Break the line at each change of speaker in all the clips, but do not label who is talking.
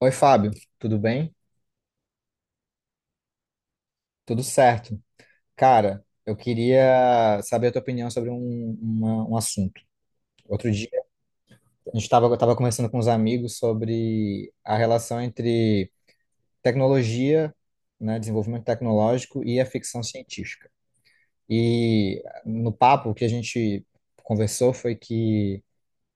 Oi, Fábio, tudo bem? Tudo certo. Cara, eu queria saber a tua opinião sobre um assunto. Outro dia, a gente estava tava tava conversando com uns amigos sobre a relação entre tecnologia, né, desenvolvimento tecnológico e a ficção científica. E no papo, o que a gente conversou foi que,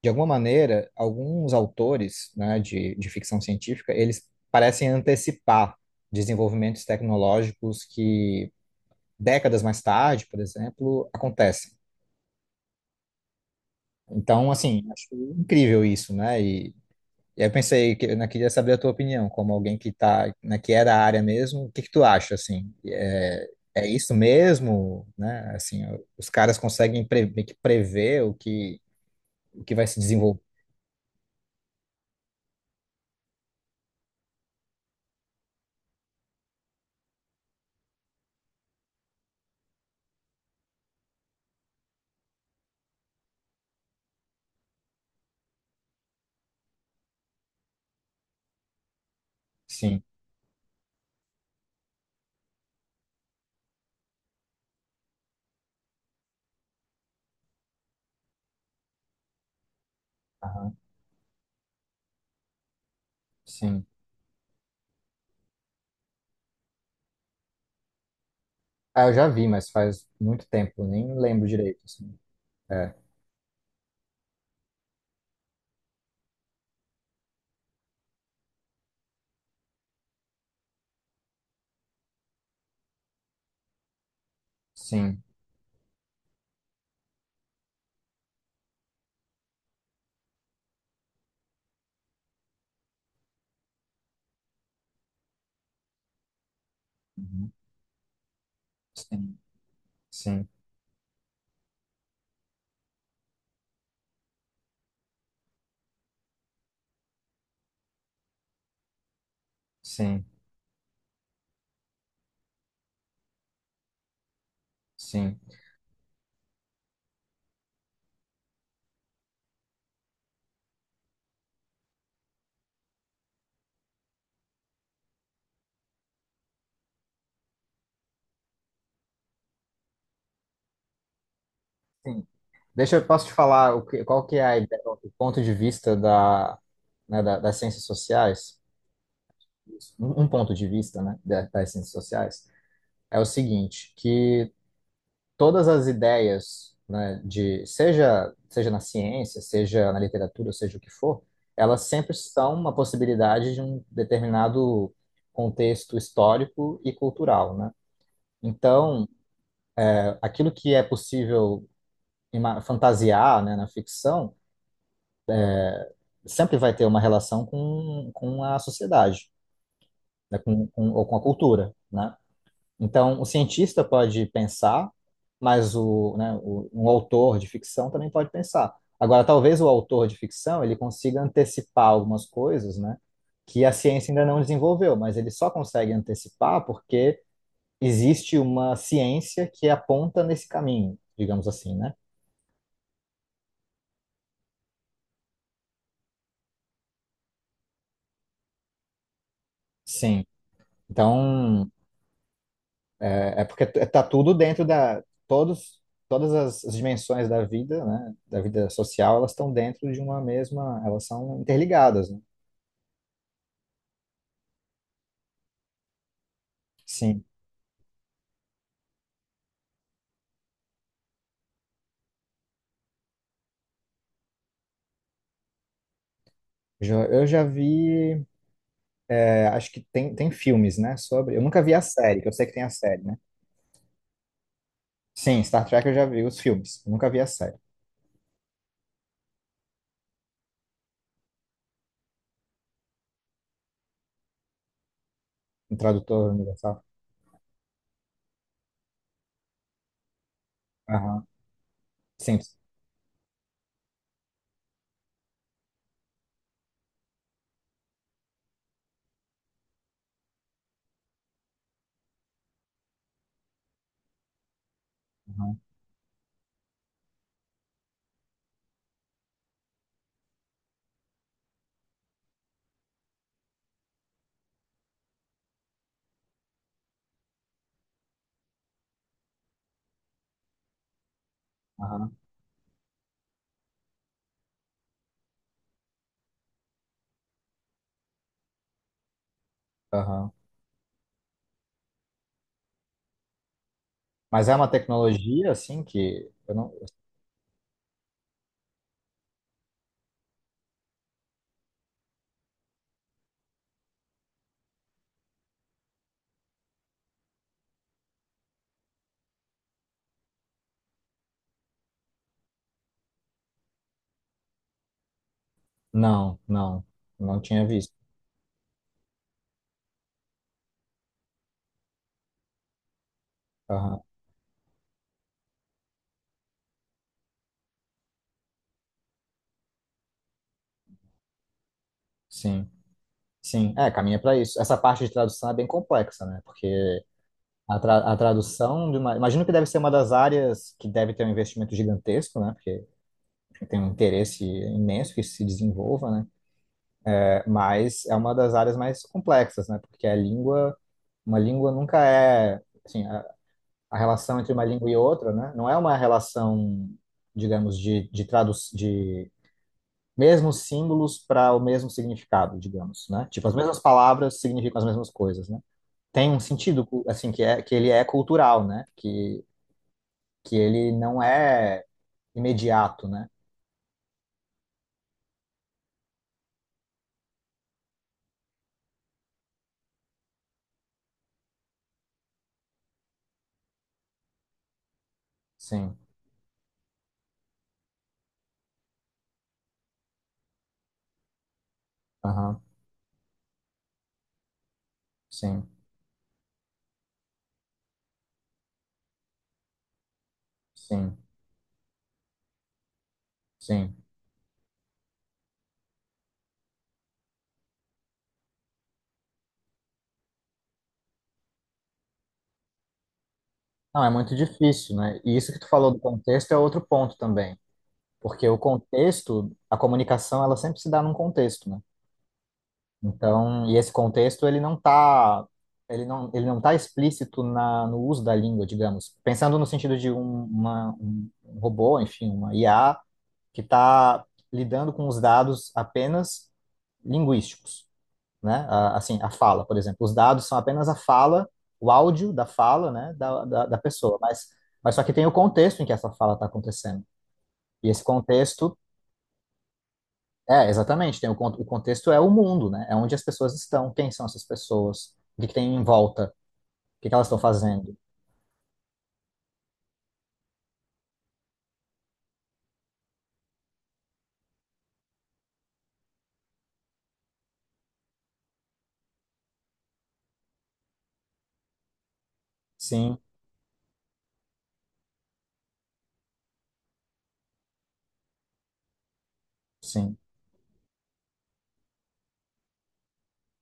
de alguma maneira, alguns autores, né, de ficção científica, eles parecem antecipar desenvolvimentos tecnológicos que décadas mais tarde, por exemplo, acontecem. Então, assim, acho incrível isso, né? E aí eu pensei que eu queria saber a tua opinião, como alguém que tá, né, que é da área mesmo, o que que tu acha, assim? É, é isso mesmo, né? Assim, os caras conseguem meio que prever o que vai se desenvolver. Sim, aham, sim. Ah, eu já vi, mas faz muito tempo, nem lembro direito, assim. É, sim, uhum, sim, sim, sim, sim. Deixa eu posso te falar qual que é a ideia, o ponto de vista das ciências sociais. Isso. Um ponto de vista, né, das ciências sociais, é o seguinte, que todas as ideias, né, de seja na ciência, seja na literatura, seja o que for, elas sempre são uma possibilidade de um determinado contexto histórico e cultural, né? Então, aquilo que é possível fantasiar, né, na ficção sempre vai ter uma relação com a sociedade, né, ou com a cultura, né? Então, o cientista pode pensar, mas um autor de ficção também pode pensar. Agora, talvez o autor de ficção ele consiga antecipar algumas coisas, né, que a ciência ainda não desenvolveu, mas ele só consegue antecipar porque existe uma ciência que aponta nesse caminho, digamos assim, né? Sim. Então, é, é porque está tudo dentro da. Todos, as dimensões da vida, né? Da vida social, elas estão dentro de uma mesma. Elas são interligadas, né? Sim. Eu já vi. É, acho que tem filmes, né? Sobre. Eu nunca vi a série, que eu sei que tem a série, né? Sim, Star Trek eu já vi os filmes. Eu nunca vi a série. O tradutor universal. Aham. Simples. Aham. Aham. Aham. Mas é uma tecnologia, assim, que eu não. Não, não. Não tinha visto. Aham. Sim. Sim, é, caminha para isso. Essa parte de tradução é bem complexa, né? Porque a tradução de uma... Imagino que deve ser uma das áreas que deve ter um investimento gigantesco, né? Porque tem um interesse imenso que isso se desenvolva, né? É, mas é uma das áreas mais complexas, né? Porque a língua, uma língua nunca é, assim, a relação entre uma língua e outra, né? Não é uma relação, digamos, de tradução, de mesmos símbolos para o mesmo significado, digamos, né? Tipo, as mesmas palavras significam as mesmas coisas, né? Tem um sentido, assim, que é que ele é cultural, né? Que ele não é imediato, né? Sim, aham, sim, sim, sim. Não, é muito difícil, né? E isso que tu falou do contexto é outro ponto também, porque o contexto, a comunicação, ela sempre se dá num contexto, né? Então, e esse contexto, ele não tá explícito na, no uso da língua, digamos. Pensando no sentido de um, uma, um um robô, enfim, uma IA, que está lidando com os dados apenas linguísticos, né? Assim, a fala, por exemplo. Os dados são apenas a fala, o áudio da fala, né, da pessoa, mas só que tem o contexto em que essa fala está acontecendo. E esse contexto, é, exatamente, tem o contexto é o mundo, né? É onde as pessoas estão, quem são essas pessoas, o que que tem em volta, o que que elas estão fazendo. Sim, sim,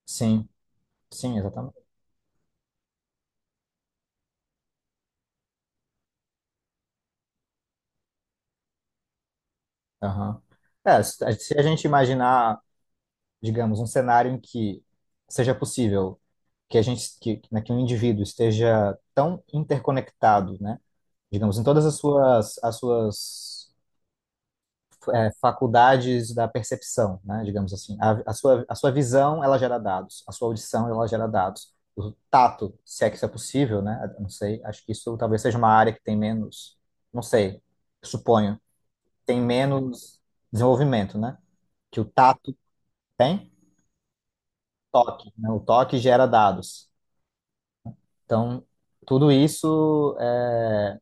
sim, sim, exatamente. Aham. É, se a gente imaginar digamos, um cenário em que seja possível que a gente, que, né, que um indivíduo esteja tão interconectado, né, digamos, em as suas é, faculdades da percepção, né, digamos assim, a sua visão, ela gera dados, a sua audição, ela gera dados, o tato, se é que isso é possível, né, não sei, acho que isso talvez seja uma área que tem menos, não sei, suponho, tem menos desenvolvimento, né, que o tato tem, toque, né? O toque gera dados. Então, tudo isso é,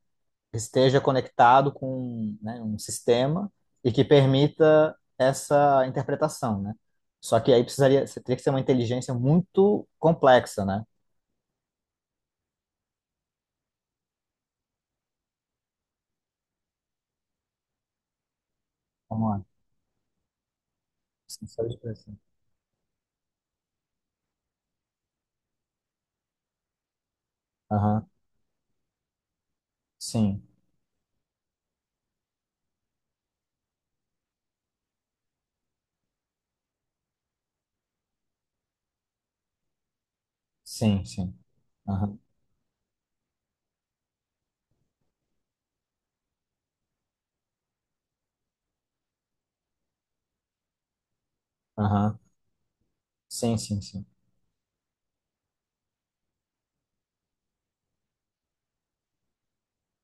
esteja conectado com, né, um sistema e que permita essa interpretação, né? Só que aí precisaria, você teria que ser uma inteligência muito complexa, né? Vamos lá. Sensores de pressão. Aham. Sim, sim, sim. Aham, aham. Sim, sim, sim.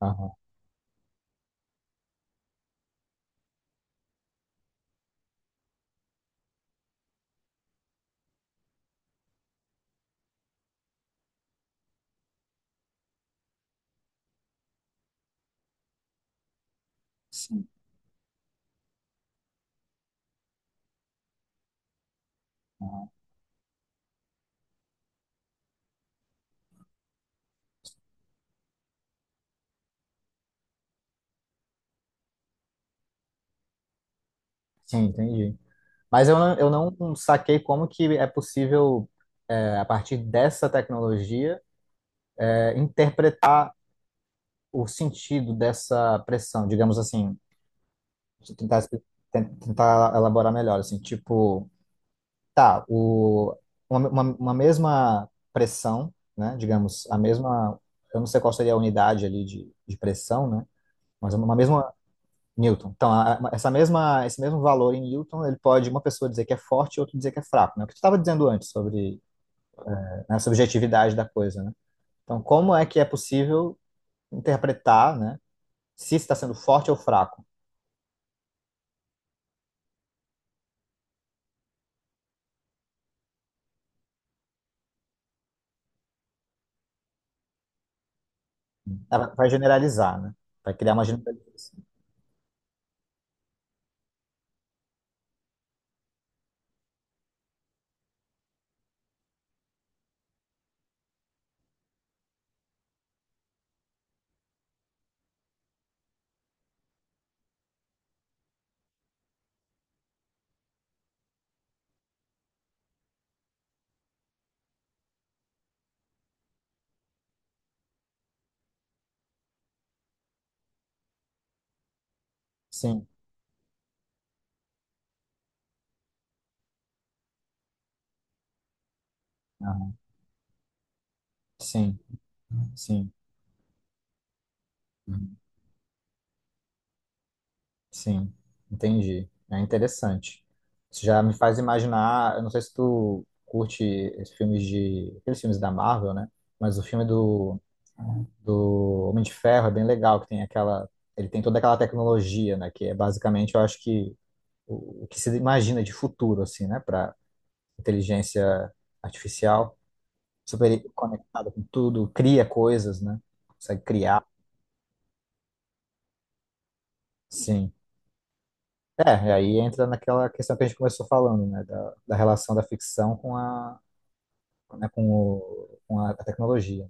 Aham. Sim, sim, entendi. Mas eu não saquei como que é possível, é, a partir dessa tecnologia, interpretar o sentido dessa pressão, digamos assim, deixa eu tentar, tentar elaborar melhor, assim, tipo, tá, o, uma mesma pressão, né, digamos, a mesma, eu não sei qual seria a unidade ali de pressão, né, mas uma mesma Newton. Então, essa mesma, esse mesmo valor em Newton, ele pode uma pessoa dizer que é forte e outra dizer que é fraco, né, o que tu estava dizendo antes sobre né, a subjetividade da coisa, né. Então, como é que é possível interpretar, né, se está sendo forte ou fraco. Ela vai generalizar, né? Vai criar uma generalização. Sim, aham, sim, sim, uhum, sim. Entendi. É interessante. Isso já me faz imaginar. Eu não sei se tu curte esses filmes de. Aqueles filmes da Marvel, né? Mas o filme do, do Homem de Ferro é bem legal, que tem aquela. Ele tem toda aquela tecnologia, né? Que é basicamente, eu acho que o que se imagina de futuro, assim, né? Para inteligência artificial. Super conectada com tudo, cria coisas, né? Consegue criar, sim. É, e aí entra naquela questão que a gente começou falando, né? Da relação da ficção com a, né, com a, tecnologia.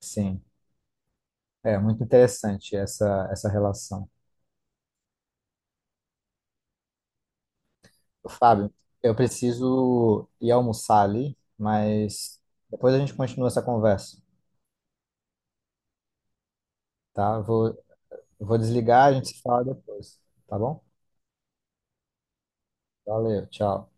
Sim, é muito interessante essa, essa relação. Fábio, eu preciso ir almoçar ali, mas depois a gente continua essa conversa, tá? Vou, vou desligar, a gente se fala depois, tá bom? Valeu, tchau.